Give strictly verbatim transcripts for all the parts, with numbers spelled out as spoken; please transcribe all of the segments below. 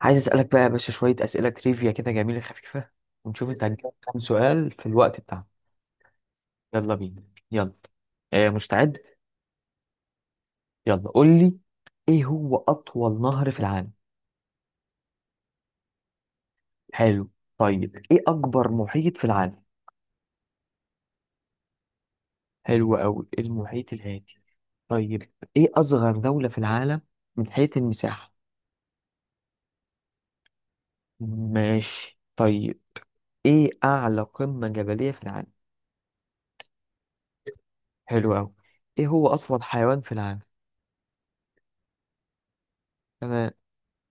عايز اسالك بقى يا باشا شويه اسئله تريفيا كده جميله خفيفه، ونشوف انت هتجاوب كام سؤال في الوقت بتاعنا. يلا بينا. يلا. آه مستعد. يلا قول لي، ايه هو اطول نهر في العالم؟ حلو. طيب، ايه اكبر محيط في العالم؟ حلو قوي، المحيط الهادي. طيب، ايه اصغر دوله في العالم من حيث المساحه؟ ماشي. طيب، ايه اعلى قمه جبليه في العالم؟ حلو قوي. ايه هو اطول حيوان في العالم؟ تمام.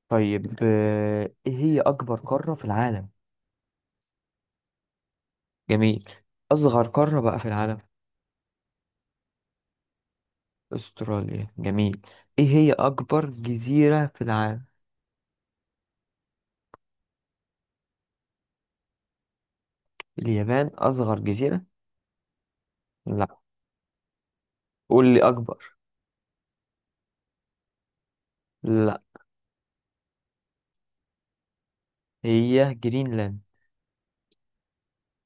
طيب، آه، ايه هي اكبر قارة في العالم؟ جميل. اصغر قارة بقى في العالم؟ استراليا، جميل. ايه هي اكبر جزيرة في العالم؟ اليابان اصغر جزيرة. لا، قول لي اكبر. لا، هي جرينلاند.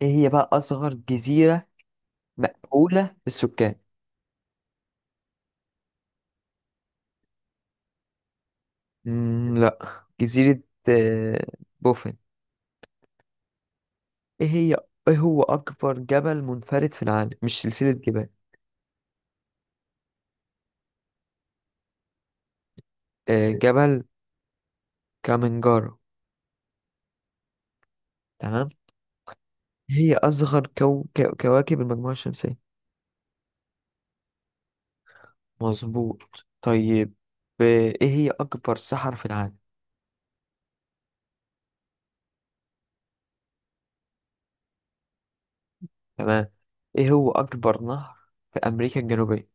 ايه هي بقى اصغر جزيرة مأهولة بالسكان؟ مم، لا. جزيرة آه، بوفن. ايه هي ايه هو اكبر جبل منفرد في العالم، مش سلسلة جبال؟ آه، جبل كامنجارو. تمام. هي أصغر كو... كو... كواكب المجموعة الشمسية؟ مظبوط. طيب، آه، إيه هي أكبر صحراء في العالم؟ تمام. إيه هو أكبر نهر في أمريكا الجنوبية؟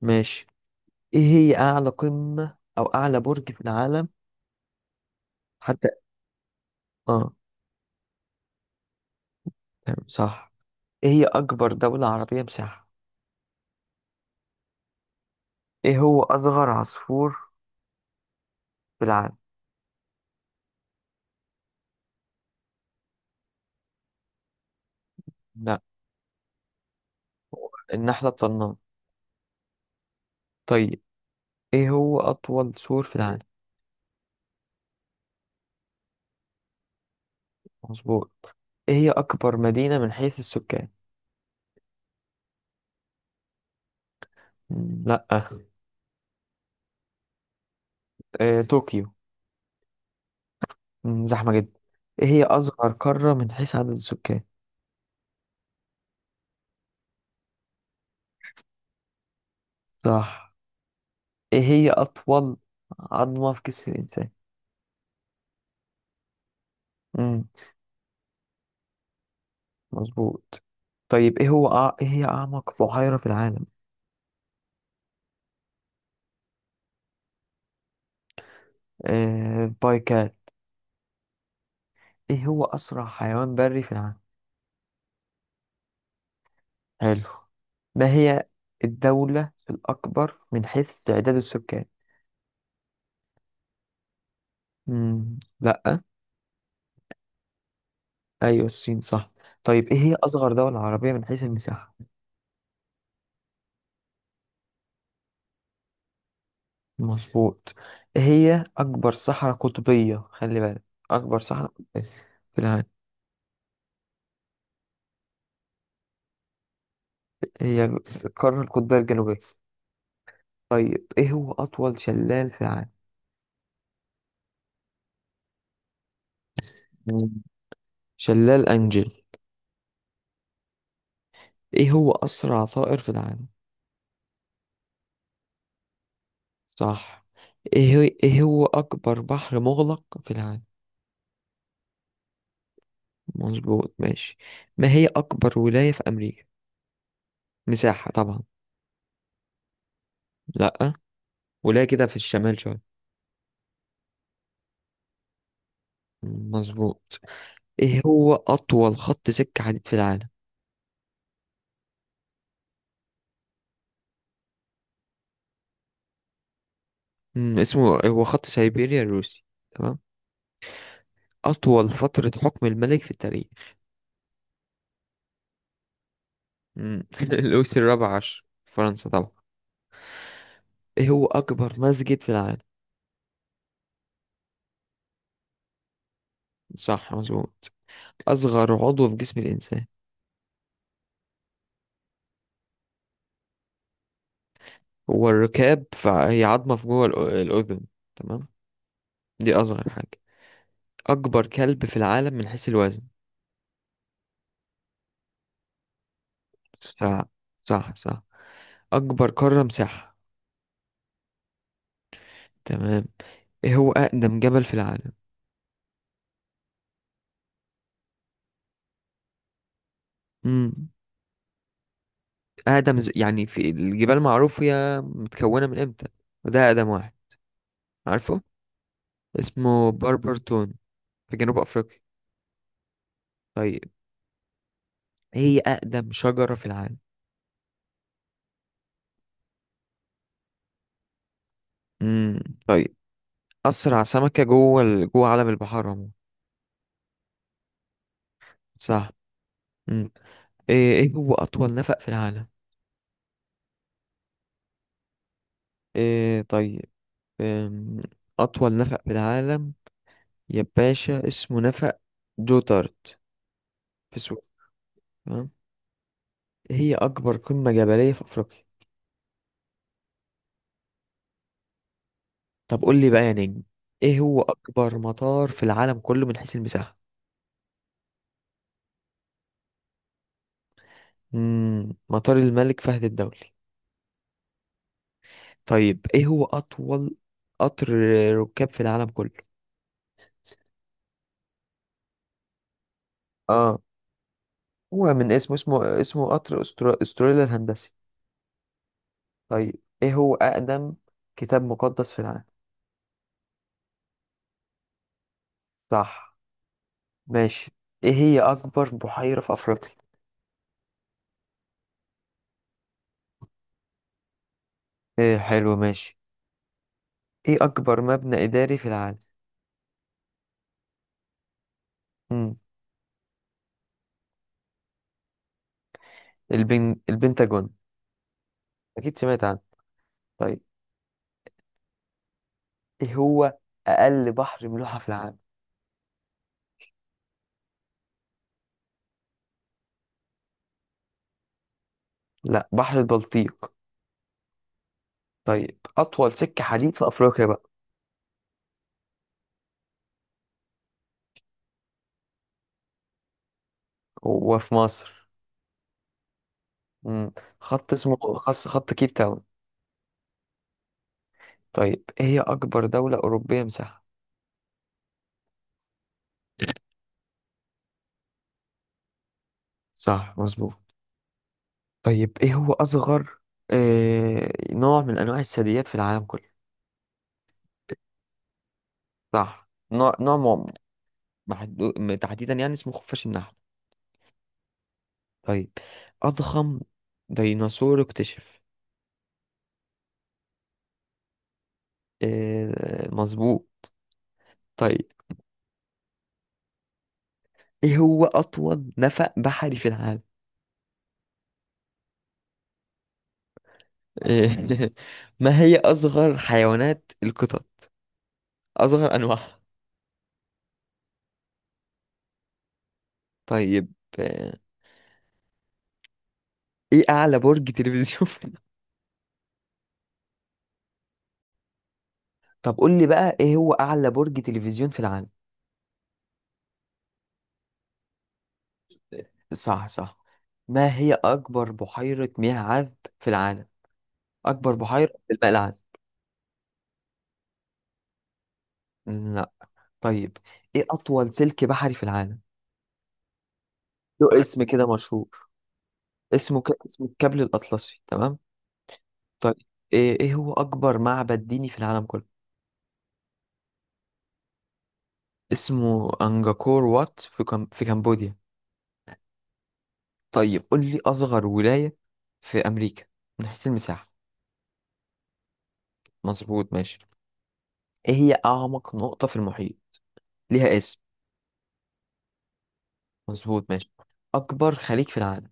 ماشي. إيه هي أعلى قمة أو أعلى برج في العالم حتى؟ آه، تمام، صح. إيه هي أكبر دولة عربية مساحة؟ إيه هو أصغر عصفور في العالم؟ لا، النحلة الطنان. طيب، إيه هو أطول سور في العالم؟ مظبوط. إيه هي أكبر مدينة من حيث السكان؟ مم، لا. آه، طوكيو. مم، زحمة جدا. ايه هي أصغر قارة من حيث عدد السكان؟ صح. ايه هي أطول عظمة في جسم الإنسان؟ مم. مظبوط. طيب، ايه هو أع... ايه هي أعمق بحيرة في العالم؟ آه... بايكال. ايه هو أسرع حيوان بري في العالم؟ حلو. ما هي الدولة الأكبر من حيث تعداد السكان؟ مم. لأ. أيوة الصين، صح. طيب، ايه هي أصغر دولة عربية من حيث المساحة؟ مظبوط. هي أكبر صحراء قطبية، خلي بالك. أكبر صحراء قطبية في العالم، هي القارة القطبية الجنوبية. طيب، إيه هو أطول شلال في العالم؟ مم. شلال أنجل. إيه هو أسرع طائر في العالم؟ صح. إيه هو إيه هو أكبر بحر مغلق في العالم؟ مظبوط، ماشي. ما هي أكبر ولاية في أمريكا، مساحة طبعا؟ لأ، ولاية كده في الشمال شوية. مظبوط. إيه هو أطول خط سكة حديد في العالم؟ مم، اسمه هو خط سيبيريا الروسي. تمام. أطول فترة حكم الملك في التاريخ. مم، لويس الرابع عشر، فرنسا طبعا. إيه هو أكبر مسجد في العالم؟ صح، مظبوط. أصغر عضو في جسم الإنسان، هو الركاب، فهي عظمة في جوه الأ- الأذن. تمام. دي أصغر حاجة. أكبر كلب في العالم من حيث الوزن؟ صح صح صح. أكبر قارة مساحة؟ تمام. إيه هو أقدم جبل في العالم؟ أقدم ز- يعني في الجبال معروف هي متكونة من إمتى، وده أقدم واحد، عارفه؟ اسمه باربرتون، في جنوب أفريقيا. طيب، هي أقدم شجرة في العالم؟ امم طيب. أسرع سمكة جوه ال... جوه عالم البحار عموما؟ صح. امم إيه إيه هو أطول نفق في العالم؟ إيه طيب. أم، أطول نفق في العالم يا باشا، اسمه نفق جوتارد، في سويسرا، تمام؟ هي أكبر قمة جبلية في أفريقيا؟ طب قول لي بقى يا نجم، ايه هو اكبر مطار في العالم كله من حيث المساحة؟ امم مطار الملك فهد الدولي. طيب، ايه هو اطول قطر ركاب في العالم كله؟ اه، هو من اسمه، اسمه اسمه قطر أسترا... استراليا الهندسي. طيب، ايه هو اقدم كتاب مقدس في العالم؟ صح، ماشي. ايه هي اكبر بحيرة في افريقيا؟ ايه، حلو، ماشي. ايه اكبر مبنى اداري في العالم؟ امم البن... البنتاجون. اكيد سمعت عنه. طيب، ايه هو اقل بحر ملوحة في العالم؟ لا، بحر البلطيق. طيب، اطول سكة حديد في افريقيا بقى، وفي مصر. مم. خط اسمه خص خط كيب تاون. طيب، ايه هي اكبر دولة اوروبية مساحة؟ صح، مظبوط. طيب، ايه هو اصغر آه... نوع من انواع الثدييات في العالم كله؟ صح. نوع نوع م- محدو... م- تحديدا يعني، اسمه خفاش النحل. طيب، اضخم ديناصور اكتشف؟ آه... مظبوط. طيب، ايه هو اطول نفق بحري في العالم؟ إيه ما هي اصغر حيوانات القطط، اصغر انواعها؟ طيب، آه، ايه اعلى برج تلفزيون في العالم؟ طب قول لي بقى، ايه هو اعلى برج تلفزيون في العالم؟ صح، صح. ما هي اكبر بحيرة مياه عذب في العالم، اكبر بحيرة في الماء العذب؟ مم، لا. طيب، ايه اطول سلك بحري في العالم؟ له اسم كده مشهور، اسمه ك... اسمه الكابل الاطلسي، تمام. طيب، ايه إيه هو اكبر معبد ديني في العالم كله؟ اسمه أنجاكور وات، في كم... في كمبوديا. طيب، قول لي أصغر ولاية في أمريكا من حيث المساحة؟ مظبوط، ماشي. إيه هي أعمق نقطة في المحيط، ليها اسم؟ مظبوط، ماشي. أكبر خليج في العالم؟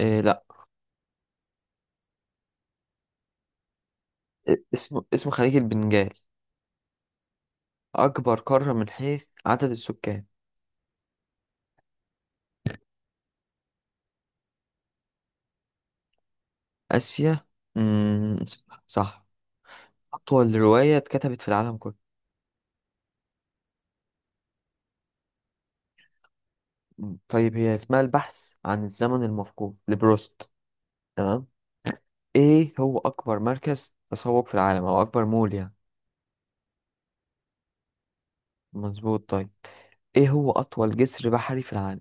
إيه، لا. إيه، اسمه اسمه خليج البنجال. أكبر قارة من حيث عدد السكان؟ آسيا. مم... صح. أطول رواية اتكتبت في العالم كله؟ مم، طيب. هي اسمها البحث عن الزمن المفقود لبروست، تمام. ايه هو اكبر مركز تسوق في العالم، او اكبر مول يعني؟ مظبوط. طيب، ايه هو اطول جسر بحري في العالم؟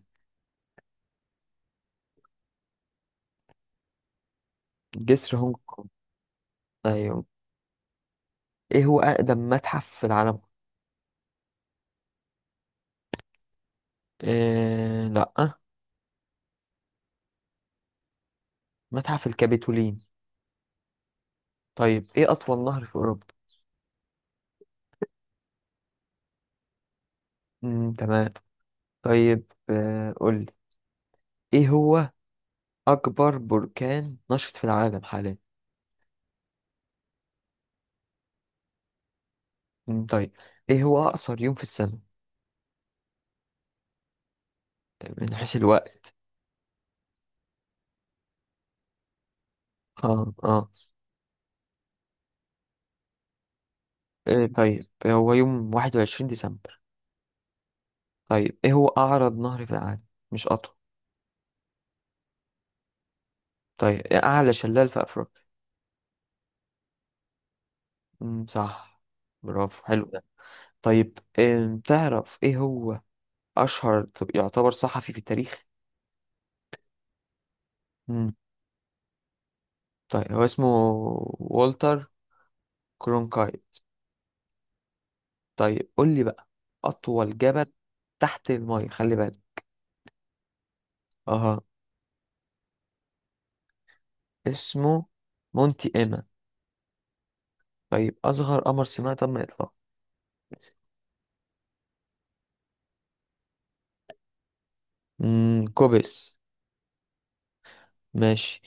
جسر هونج كونج. ايوه. ايه هو اقدم متحف في العالم؟ إيه، لا. متحف الكابيتولين. طيب، ايه اطول نهر في اوروبا؟ امم تمام. طيب، آه قول لي، ايه هو اكبر بركان نشط في العالم حاليا؟ امم طيب. ايه هو اقصر يوم في السنة من حيث الوقت؟ اه، اه، إيه طيب. هو يوم واحد وعشرين ديسمبر. طيب، ايه هو اعرض نهر في العالم، مش اطول؟ طيب، إيه اعلى شلال في افريقيا؟ امم صح، برافو، حلو ده. طيب، إيه تعرف، ايه هو اشهر طب يعتبر صحفي في التاريخ؟ امم طيب. هو اسمه والتر كرونكايت. طيب، قول لي بقى، اطول جبل تحت المية، خلي بالك. اها. اسمه مونتي ايما. طيب، اصغر قمر صناعي تم اطلاقه؟ امم كوبس. ماشي.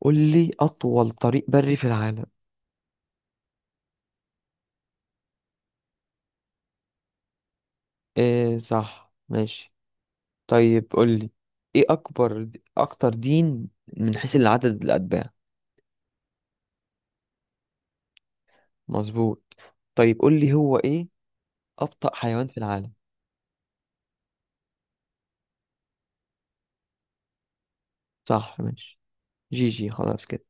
قول لي اطول طريق بري في العالم؟ إيه، صح، ماشي. طيب، قولي ايه اكبر، اكتر دين من حيث العدد الاتباع؟ مظبوط. طيب، قولي هو ايه ابطأ حيوان في العالم؟ صح، ماشي. جي جي، خلاص كده.